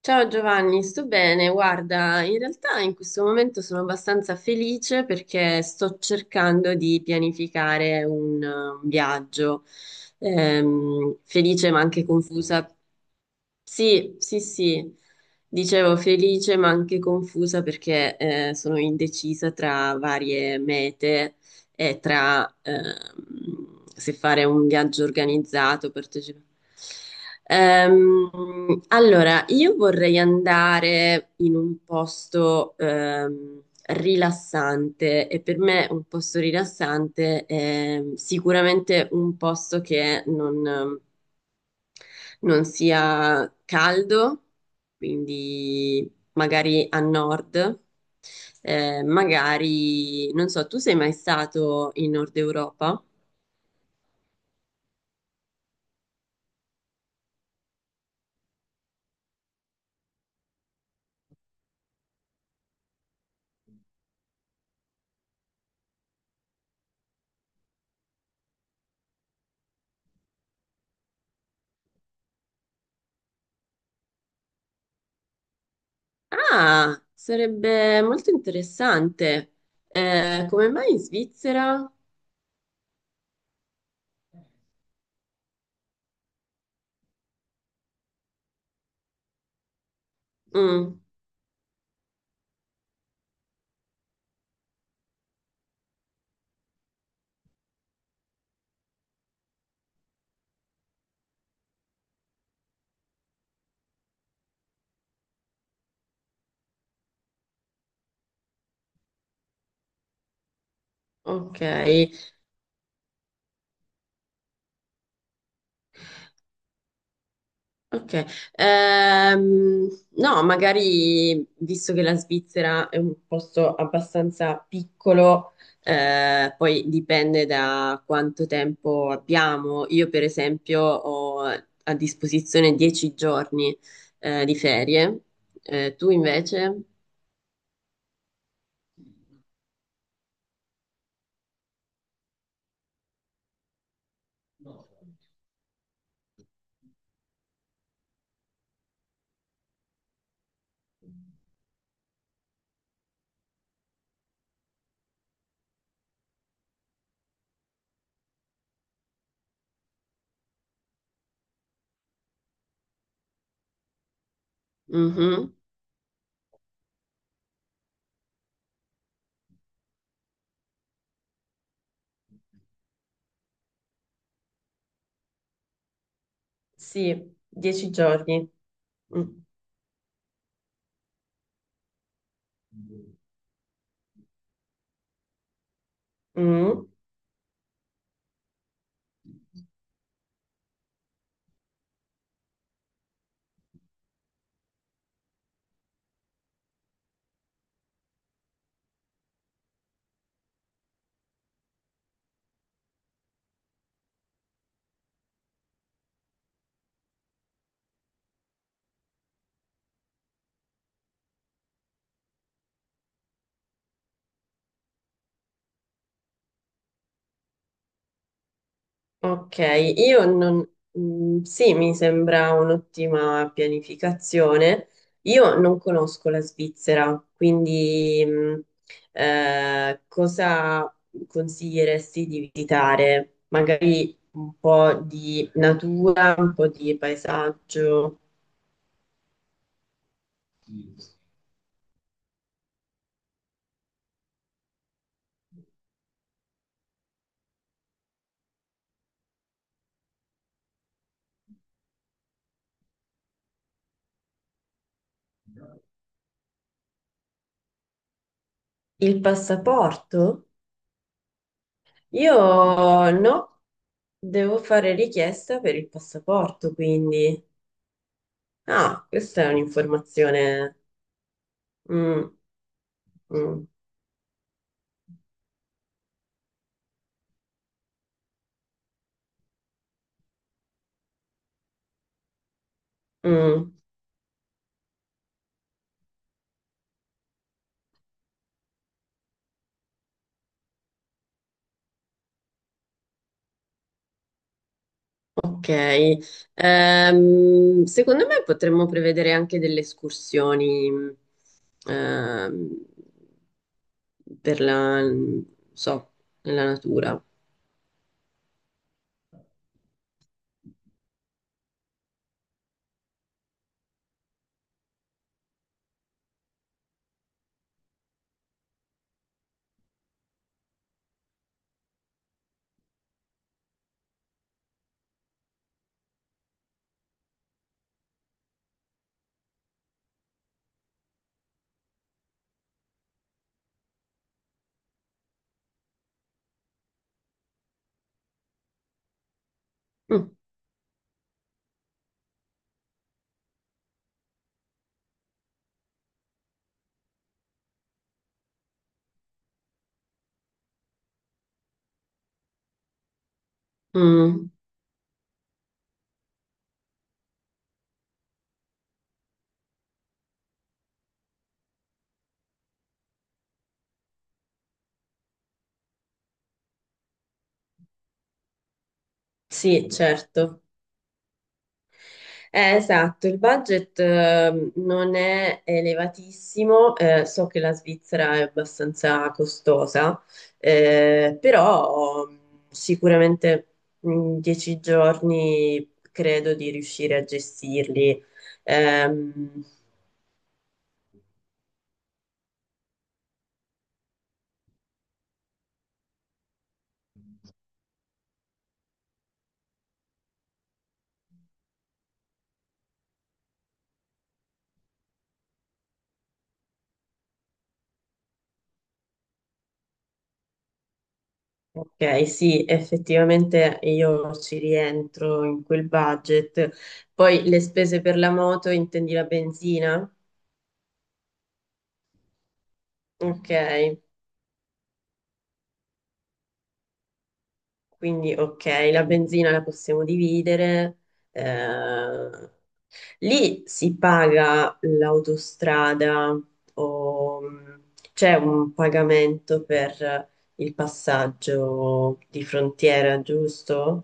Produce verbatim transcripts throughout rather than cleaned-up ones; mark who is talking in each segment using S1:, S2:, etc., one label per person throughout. S1: Ciao Giovanni, sto bene. Guarda, in realtà in questo momento sono abbastanza felice perché sto cercando di pianificare un, eh, un viaggio. Ehm, felice ma anche confusa, sì, sì, sì. Dicevo felice ma anche confusa perché eh, sono indecisa tra varie mete e tra ehm, se fare un viaggio organizzato, partecipare. Ehm, allora, io vorrei andare in un posto ehm, rilassante, e per me un posto rilassante è sicuramente un posto che non non sia caldo, quindi magari a nord. Eh, magari, non so, tu sei mai stato in Nord Europa? Ah, sarebbe molto interessante. Eh, come mai in Svizzera? Mm, ok. Ok, Ehm, no, magari visto che la Svizzera è un posto abbastanza piccolo, eh, poi dipende da quanto tempo abbiamo. Io, per esempio, ho a disposizione dieci giorni eh, di ferie. Eh, tu invece? Mhm. Sì, dieci giorni. Mm. Mm. Ok, io non... mm, sì, mi sembra un'ottima pianificazione. Io non conosco la Svizzera, quindi mm, eh, cosa consiglieresti di visitare? Magari un po' di natura, un po' di paesaggio. Il passaporto? Io no, devo fare richiesta per il passaporto, quindi... Ah, questa è un'informazione... Mm. Mm. Mm, ok. Ehm, secondo me potremmo prevedere anche delle escursioni ehm, per la, non so, nella natura. Mm, mm, sì, certo. Eh, esatto, il budget eh, non è elevatissimo, eh, so che la Svizzera è abbastanza costosa, eh, però mh, sicuramente mh, dieci giorni credo di riuscire a gestirli. Ehm, ok, sì, effettivamente io ci rientro in quel budget. Poi le spese per la moto, intendi la benzina? Ok. Quindi, ok, la benzina la possiamo dividere. eh, Lì si paga l'autostrada, o mh, c'è un pagamento per il passaggio di frontiera, giusto?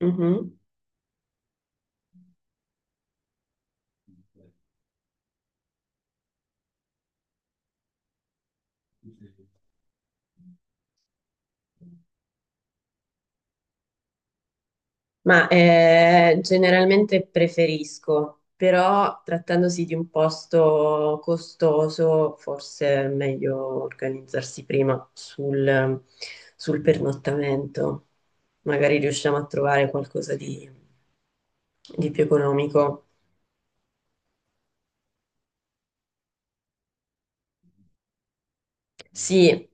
S1: Mhm. Ma eh, generalmente preferisco, però trattandosi di un posto costoso, forse è meglio organizzarsi prima sul, sul pernottamento. Magari riusciamo a trovare qualcosa di, di più economico. Sì.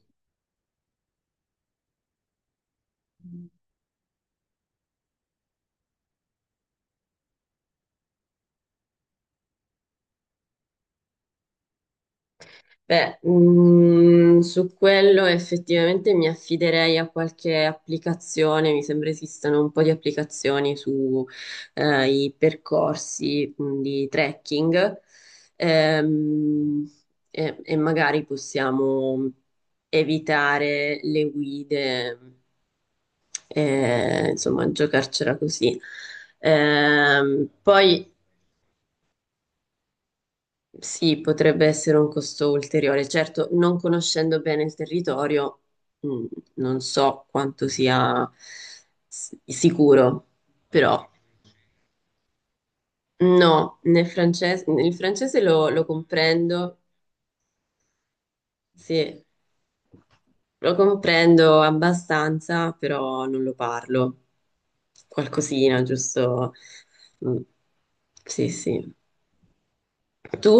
S1: Beh, mm, su quello effettivamente mi affiderei a qualche applicazione, mi sembra esistano un po' di applicazioni su eh, i percorsi mm, di trekking. Ehm, e, e magari possiamo evitare le guide, eh, insomma, giocarcela così. Ehm, poi Sì, potrebbe essere un costo ulteriore. Certo, non conoscendo bene il territorio, mh, non so quanto sia s- sicuro, però no. Nel francese, il francese lo, lo comprendo, sì, lo comprendo abbastanza, però non lo parlo. Qualcosina, giusto? Mm, sì, sì. Tu?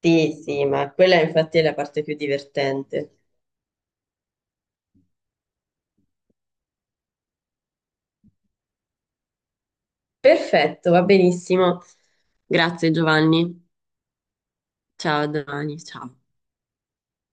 S1: Sì, sì, ma quella infatti è la parte più divertente. Perfetto, va benissimo. Grazie Giovanni. Ciao, a domani, ciao.